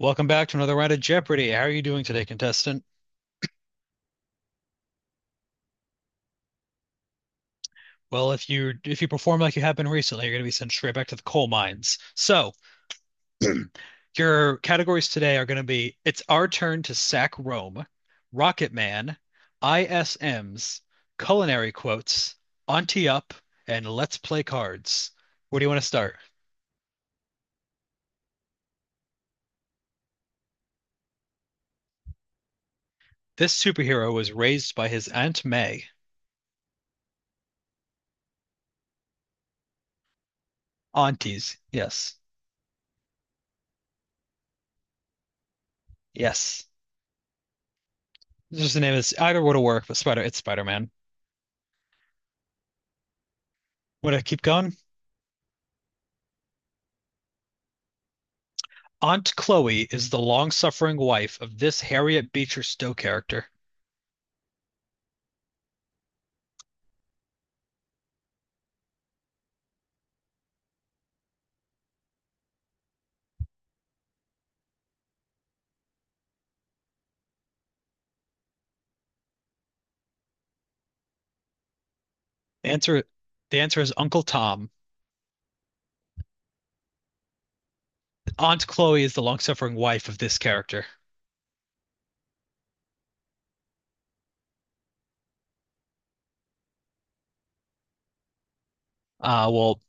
Welcome back to another round of Jeopardy. How are you doing today, contestant? Well, if you perform like you have been recently, you're going to be sent straight back to the coal mines. So, your categories today are going to be It's Our Turn to Sack Rome, Rocket Man, ISMs, Culinary Quotes, Auntie Up, and Let's Play Cards. Where do you want to start? This superhero was raised by his Aunt May. Aunties, yes. Yes. Just the name is either would have worked, but Spider, it's Spider-Man. Want to keep going? Aunt Chloe is the long-suffering wife of this Harriet Beecher Stowe character. The answer, the answer is Uncle Tom. Aunt Chloe is the long-suffering wife of this character. Uh, well,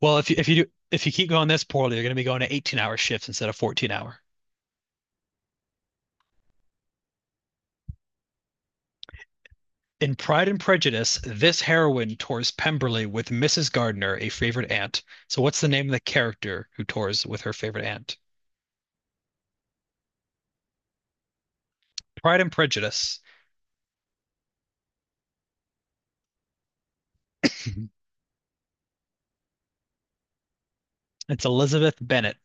well, if you keep going this poorly, you're going to be going to 18-hour shifts instead of 14-hour. In Pride and Prejudice, this heroine tours Pemberley with Mrs. Gardner, a favorite aunt. So, what's the name of the character who tours with her favorite aunt? Pride and Prejudice. It's Elizabeth Bennet.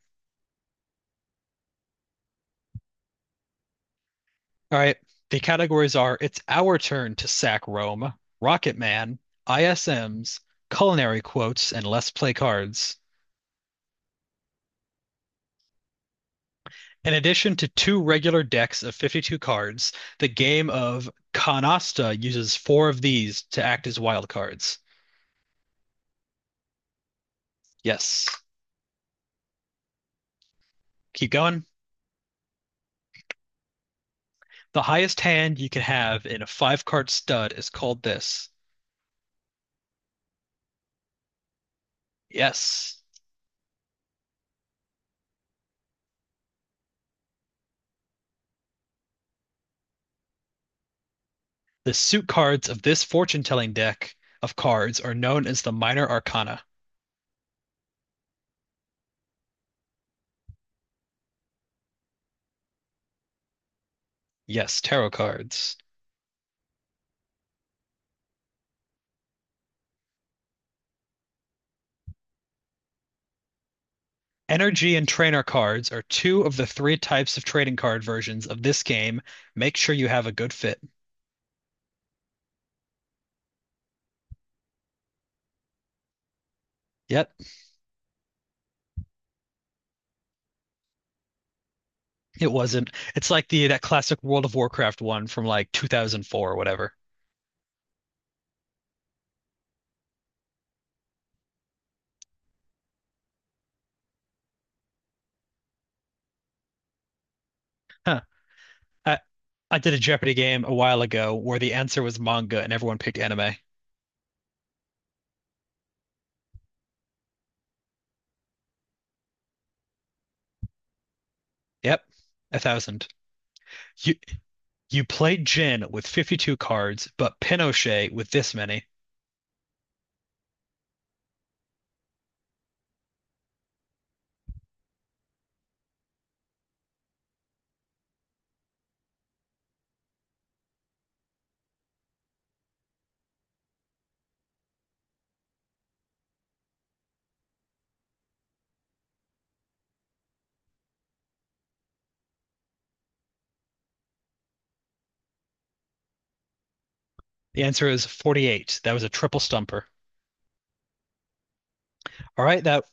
All right. The categories are It's Our Turn to Sack Rome, Rocket Man, ISMs, Culinary Quotes, and Let's Play Cards. In addition to two regular decks of 52 cards, the game of Canasta uses four of these to act as wild cards. Yes. Keep going. The highest hand you can have in a five card stud is called this. Yes. The suit cards of this fortune telling deck of cards are known as the Minor Arcana. Yes, tarot cards. Energy and trainer cards are two of the three types of trading card versions of this game. Make sure you have a good fit. Yep, it wasn't. It's like the that classic World of Warcraft one from like 2004 or whatever. Huh. I, I did a Jeopardy game a while ago where the answer was manga and everyone picked anime. Yep, 1,000. You you played Jin with 52 cards, but Pinochet with this many. The answer is 48. That was a triple stumper. All right, that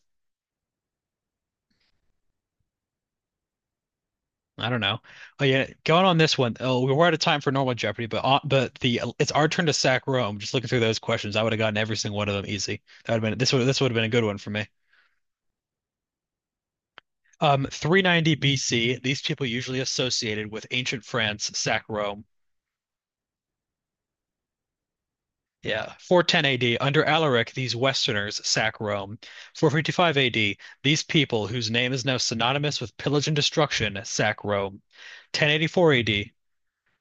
I don't know. Oh yeah, going on this one. Oh, we were out of time for normal Jeopardy, but the it's our turn to sack Rome. Just looking through those questions, I would have gotten every single one of them easy. That would have been this would have been a good one for me. 390 BC. These people usually associated with ancient France sack Rome. Yeah, 410 AD under Alaric, these Westerners sack Rome. 455 AD, these people whose name is now synonymous with pillage and destruction sack Rome. 1084 AD,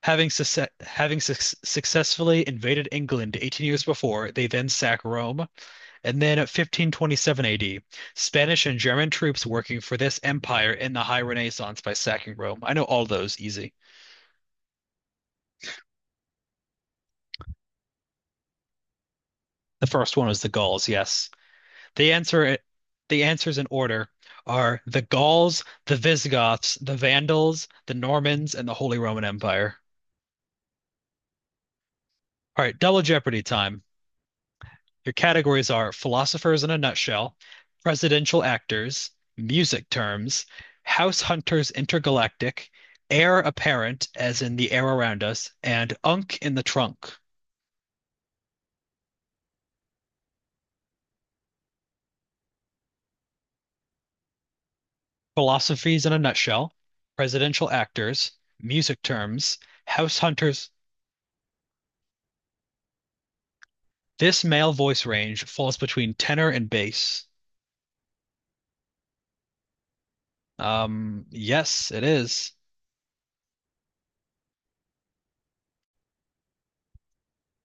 having successfully invaded England 18 years before, they then sack Rome, and then at 1527 AD, Spanish and German troops working for this empire in the High Renaissance by sacking Rome. I know all those easy. The first one was the Gauls, yes. The answer, the answers in order are the Gauls, the Visigoths, the Vandals, the Normans, and the Holy Roman Empire. All right, double Jeopardy time. Your categories are philosophers in a nutshell, presidential actors, music terms, house hunters intergalactic, heir apparent, as in the air around us, and unk in the trunk. Philosophies in a nutshell, presidential actors, music terms, house hunters. This male voice range falls between tenor and bass. Yes, it is.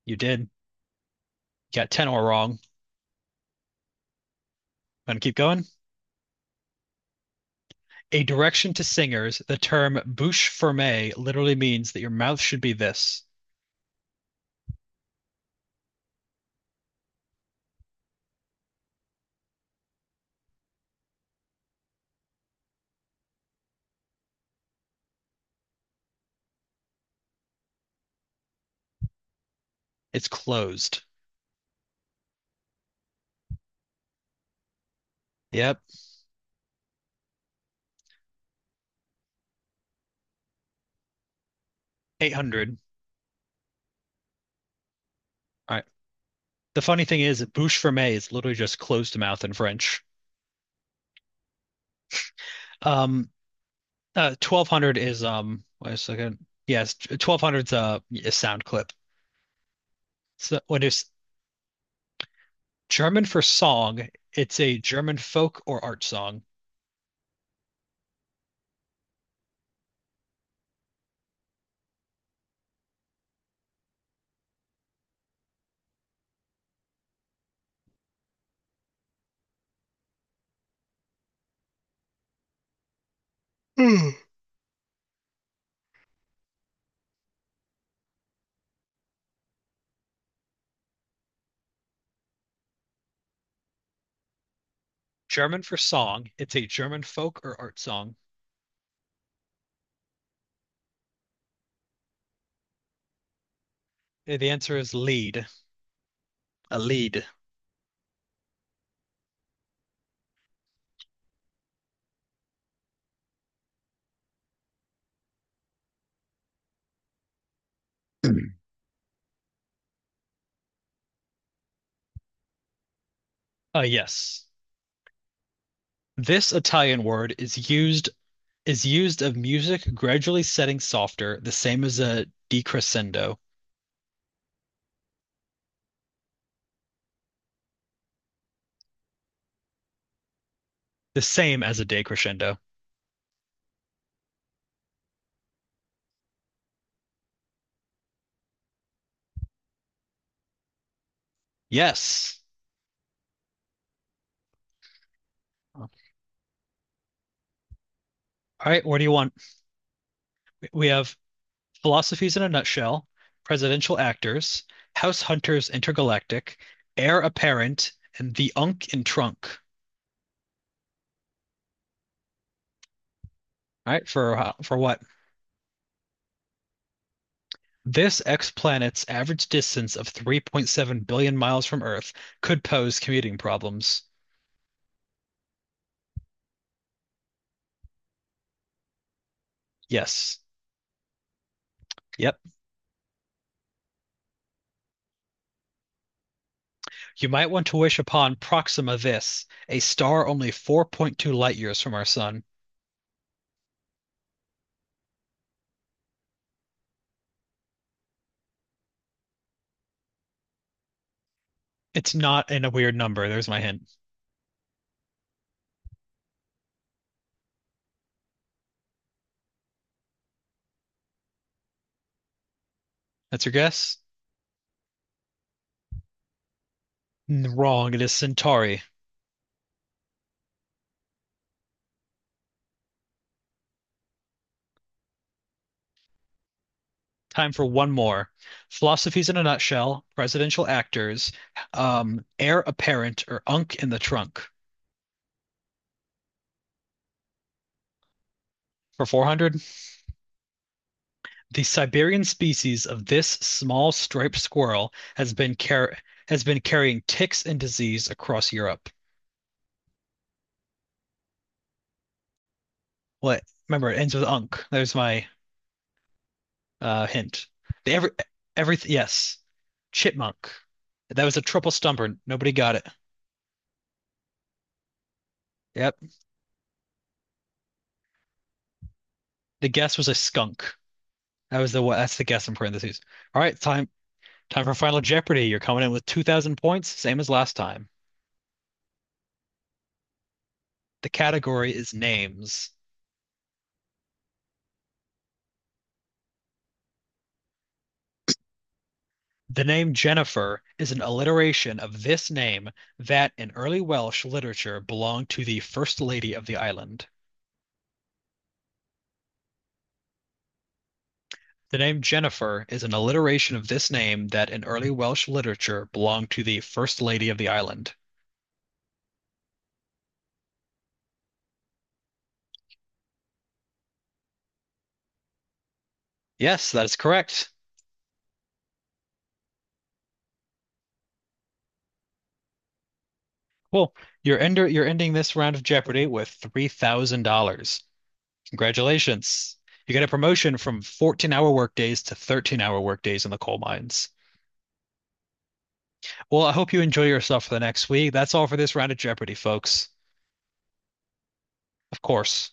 You did. Got tenor wrong. Gonna keep going? A direction to singers, the term bouche fermée literally means that your mouth should be this. It's closed. Yep. 800. All right. The funny thing is, bouche fermée is literally just closed mouth in French. Um, 1200 is, wait a second. Yes, 1200's a sound clip. So when it's German for song? It's a German folk or art song. Hmm. German for song. It's a German folk or art song. The answer is lead. A lead. Mm. Yes. This Italian word is used of music gradually setting softer, the same as a decrescendo. The same as a decrescendo. Yes. All right, what do you want? We have philosophies in a nutshell, presidential actors, house hunters intergalactic, heir apparent, and the unk in trunk. All right, for what? This ex planet's average distance of 3.7 billion miles from Earth could pose commuting problems. Yes. Yep. You might want to wish upon Proxima Vis, a star only 4.2 light years from our sun. It's not in a weird number. There's my hint. That's your guess? Wrong. It is Centauri. Time for one more. Philosophies in a nutshell, presidential actors, heir apparent or unk in the trunk. For 400, the Siberian species of this small striped squirrel has been car has been carrying ticks and disease across Europe. What? Remember, it ends with unk. There's my hint. The every everything. Yes, chipmunk. That was a triple stumper. Nobody got it. Yep. The guess was a skunk. That was the what? That's the guess in parentheses. All right, time for Final Jeopardy. You're coming in with 2,000 points, same as last time. The category is names. The name Jennifer is an alliteration of this name that in early Welsh literature belonged to the First Lady of the island. The name Jennifer is an alliteration of this name that in early Welsh literature belonged to the First Lady of the island. Yes, that is correct. Cool. You're ending this round of Jeopardy with $3,000. Congratulations. You get a promotion from 14-hour workdays to 13-hour workdays in the coal mines. Well, I hope you enjoy yourself for the next week. That's all for this round of Jeopardy, folks. Of course.